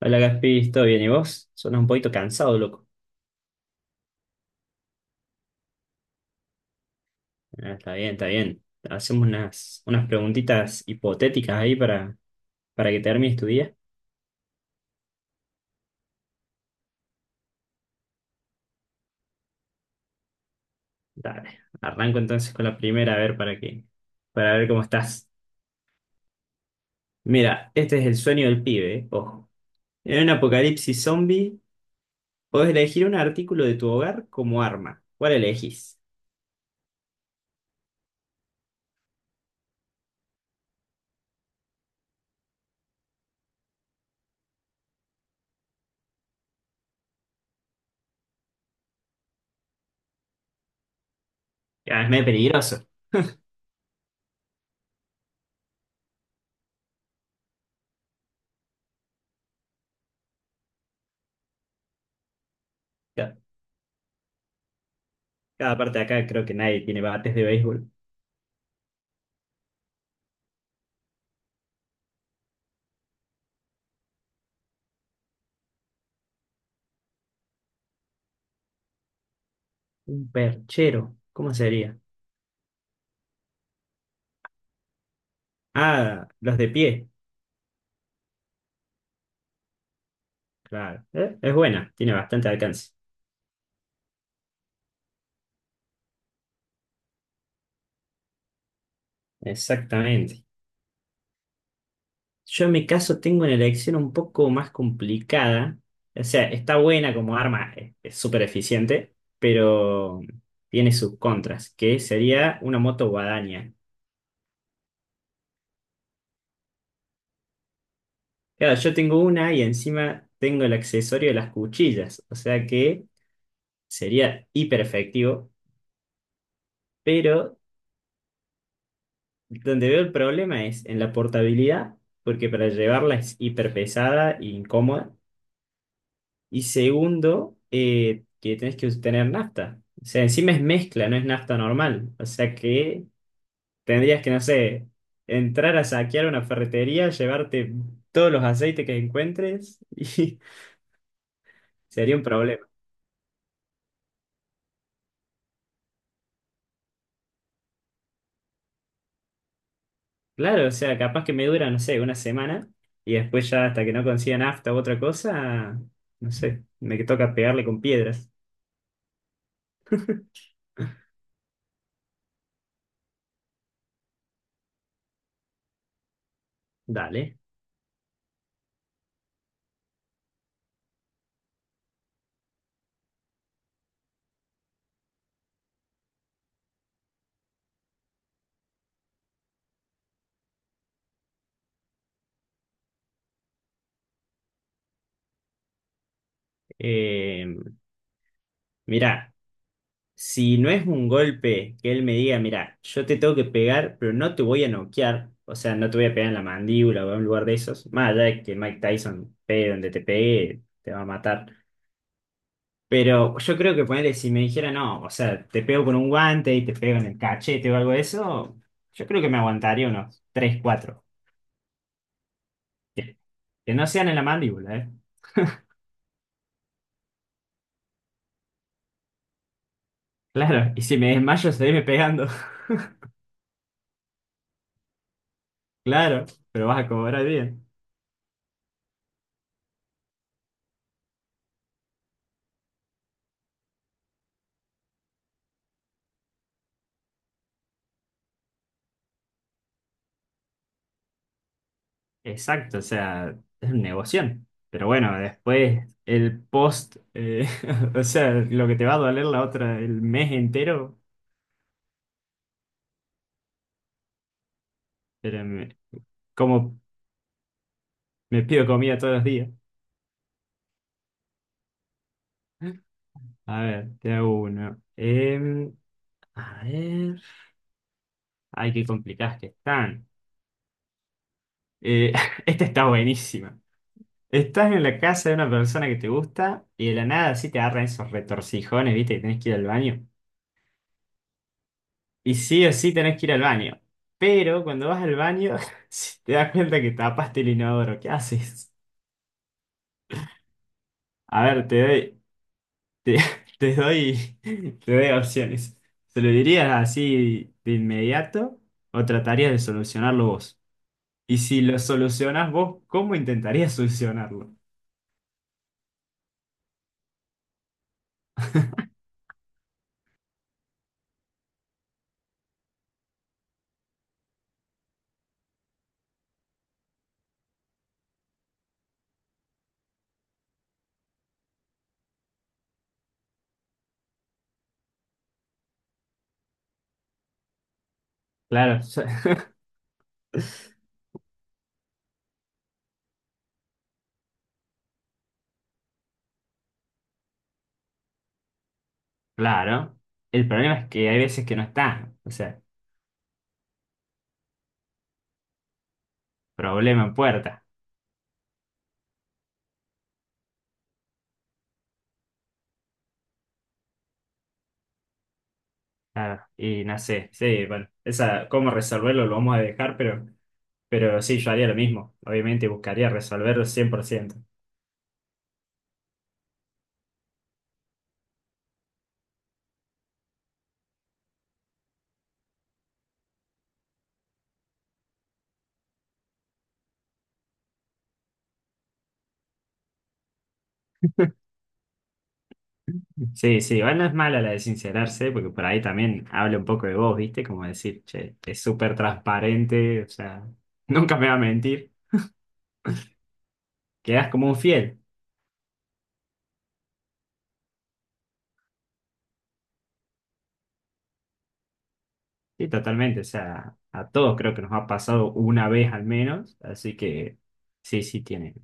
Hola Gaspi, ¿todo bien? ¿Y vos? Suena un poquito cansado, loco. Ah, está bien, está bien. Hacemos unas preguntitas hipotéticas ahí para que termines tu día. Dale, arranco entonces con la primera, a ver para ver cómo estás. Mira, este es el sueño del pibe, Ojo. En un apocalipsis zombie, podés elegir un artículo de tu hogar como arma. ¿Cuál elegís? Ah, es medio peligroso. Cada, cada parte de acá creo que nadie tiene bates de béisbol. Un perchero, ¿cómo sería? Ah, los de pie. Claro, es buena, tiene bastante alcance. Exactamente. Yo en mi caso tengo una elección un poco más complicada. O sea, está buena como arma, es súper eficiente, pero tiene sus contras, que sería una moto guadaña. Claro, yo tengo una y encima tengo el accesorio de las cuchillas, o sea que sería hiper efectivo, pero donde veo el problema es en la portabilidad, porque para llevarla es hiper pesada e incómoda. Y segundo, que tenés que tener nafta. O sea, encima es mezcla, no es nafta normal. O sea que tendrías que, no sé, entrar a saquear una ferretería, llevarte todos los aceites que encuentres y sería un problema. Claro, o sea, capaz que me dura, no sé, una semana y después ya hasta que no consiga nafta u otra cosa, no sé, me toca pegarle con piedras. Dale. Eh, mirá. Si no es un golpe que él me diga, mira, yo te tengo que pegar, pero no te voy a noquear, o sea, no te voy a pegar en la mandíbula o en un lugar de esos, más allá de que Mike Tyson pegue donde te pegue, te va a matar. Pero yo creo que ponerle, si me dijera, no, o sea, te pego con un guante y te pego en el cachete o algo de eso, yo creo que me aguantaría unos 3 cuatro. Que, que no sean en la mandíbula, ¿eh? Claro, y si me desmayo, seguime pegando, claro, pero vas a cobrar bien. Exacto, o sea, es un negocio. Pero bueno, después el post, o sea, lo que te va a doler la otra, el mes entero, pero como me pido comida todos los días. A ver, te hago uno. A ver, ay, qué complicadas que están. Eh, esta está buenísima. Estás en la casa de una persona que te gusta y de la nada así te agarran esos retorcijones, ¿viste? Que tenés que ir al baño. Y sí o sí tenés que ir al baño. Pero cuando vas al baño, si te das cuenta que tapaste el inodoro, ¿qué haces? A ver, te, te doy, te doy opciones. ¿Se lo dirías así de inmediato o tratarías de solucionarlo vos? Y si lo solucionás vos, ¿cómo intentarías solucionarlo? Claro, claro. El problema es que hay veces que no está. O sea, problema en puerta. Claro, y no sé, sí, bueno, esa, cómo resolverlo lo vamos a dejar, pero sí, yo haría lo mismo. Obviamente buscaría resolverlo 100%. Sí, sí, igual no es mala la de sincerarse, porque por ahí también habla un poco de vos, ¿viste? Como decir, che, es súper transparente, o sea, nunca me va a mentir. Quedás como un fiel. Sí, totalmente, o sea, a todos creo que nos ha pasado una vez al menos, así que sí, sí, tiene.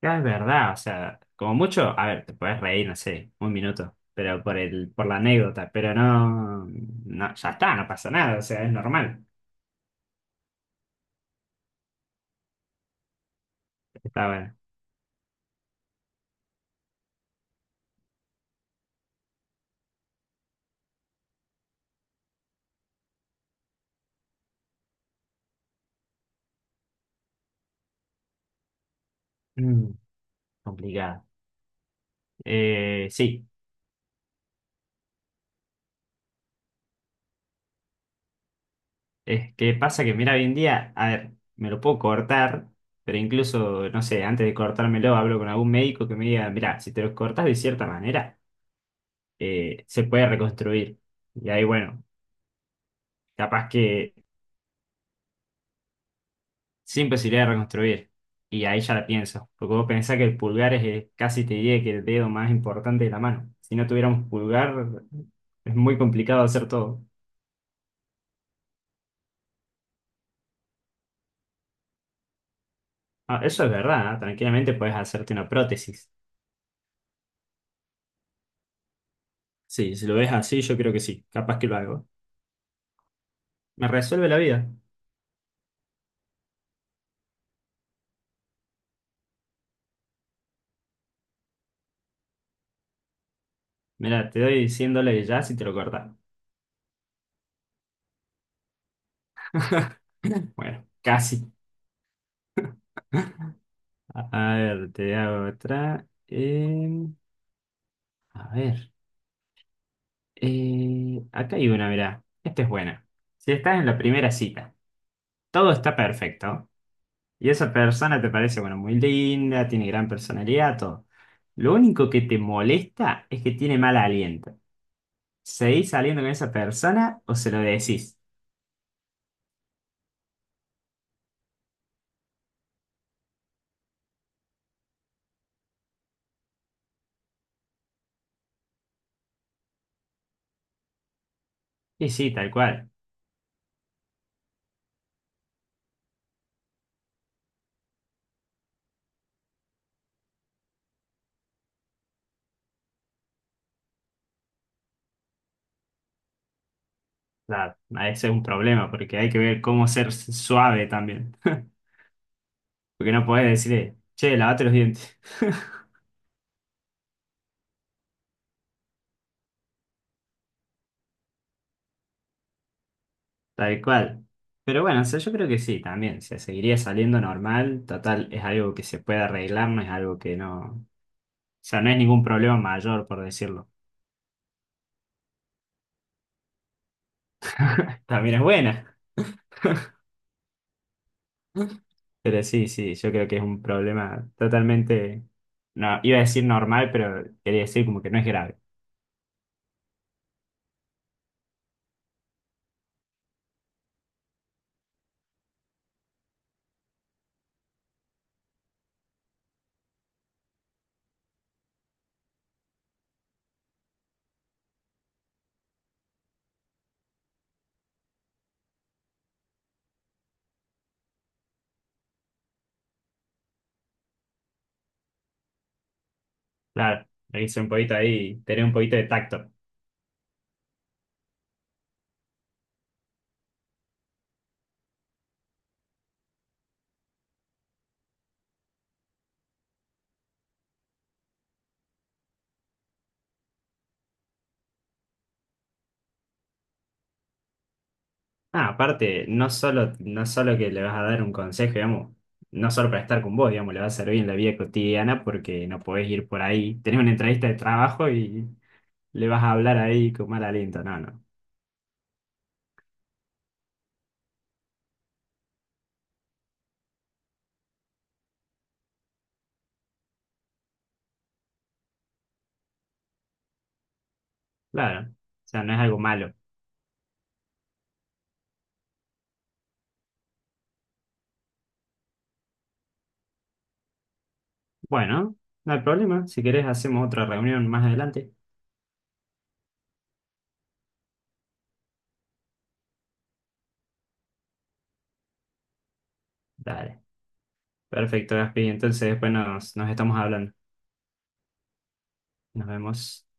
Ya es verdad, o sea, como mucho, a ver, te puedes reír, no sé, un minuto, pero por la anécdota, pero no, no, ya está, no pasa nada, o sea, es normal. Está bueno. Mm, complicado. Sí, es que pasa que, mira, hoy en día, a ver, me lo puedo cortar, pero incluso, no sé, antes de cortármelo hablo con algún médico que me diga, mira, si te lo cortas de cierta manera, se puede reconstruir. Y ahí, bueno, capaz que sin posibilidad de reconstruir. Y ahí ya la pienso, porque vos pensás que el pulgar es casi te diría que el dedo más importante de la mano. Si no tuviéramos pulgar, es muy complicado hacer todo. Ah, eso es verdad, ¿eh? Tranquilamente puedes hacerte una prótesis. Sí, si lo ves así, yo creo que sí, capaz que lo hago. Me resuelve la vida. Mira, te doy $100 ya si te lo cortas. Bueno, casi. A a ver, te hago otra. A ver, acá hay una, mirá. Esta es buena. Si estás en la primera cita, todo está perfecto. Y esa persona te parece, bueno, muy linda, tiene gran personalidad, todo. Lo único que te molesta es que tiene mal aliento. ¿Seguís saliendo con esa persona o se lo decís? Y sí, tal cual. O sea, ese es un problema porque hay que ver cómo ser suave también. Porque no podés decirle, che, lavate los dientes. Tal cual. Pero bueno, o sea, yo creo que sí, también. O sea, seguiría saliendo normal. Total, es algo que se puede arreglar, no es algo que no. O sea, no es ningún problema mayor, por decirlo. También es buena. Pero sí, sí, yo creo que es un problema totalmente, no, iba a decir normal, pero quería decir como que no es grave. Claro, le hice un poquito ahí, tener un poquito de tacto. Ah, aparte, no solo que le vas a dar un consejo, digamos, no solo para estar con vos, digamos, le va a servir en la vida cotidiana porque no podés ir por ahí, tenés una entrevista de trabajo y le vas a hablar ahí con mal aliento. No, no, claro, o sea, no es algo malo. Bueno, no hay problema, si querés hacemos otra reunión más adelante. Dale. Perfecto, Gaspi. Entonces, pues nos estamos hablando. Nos vemos.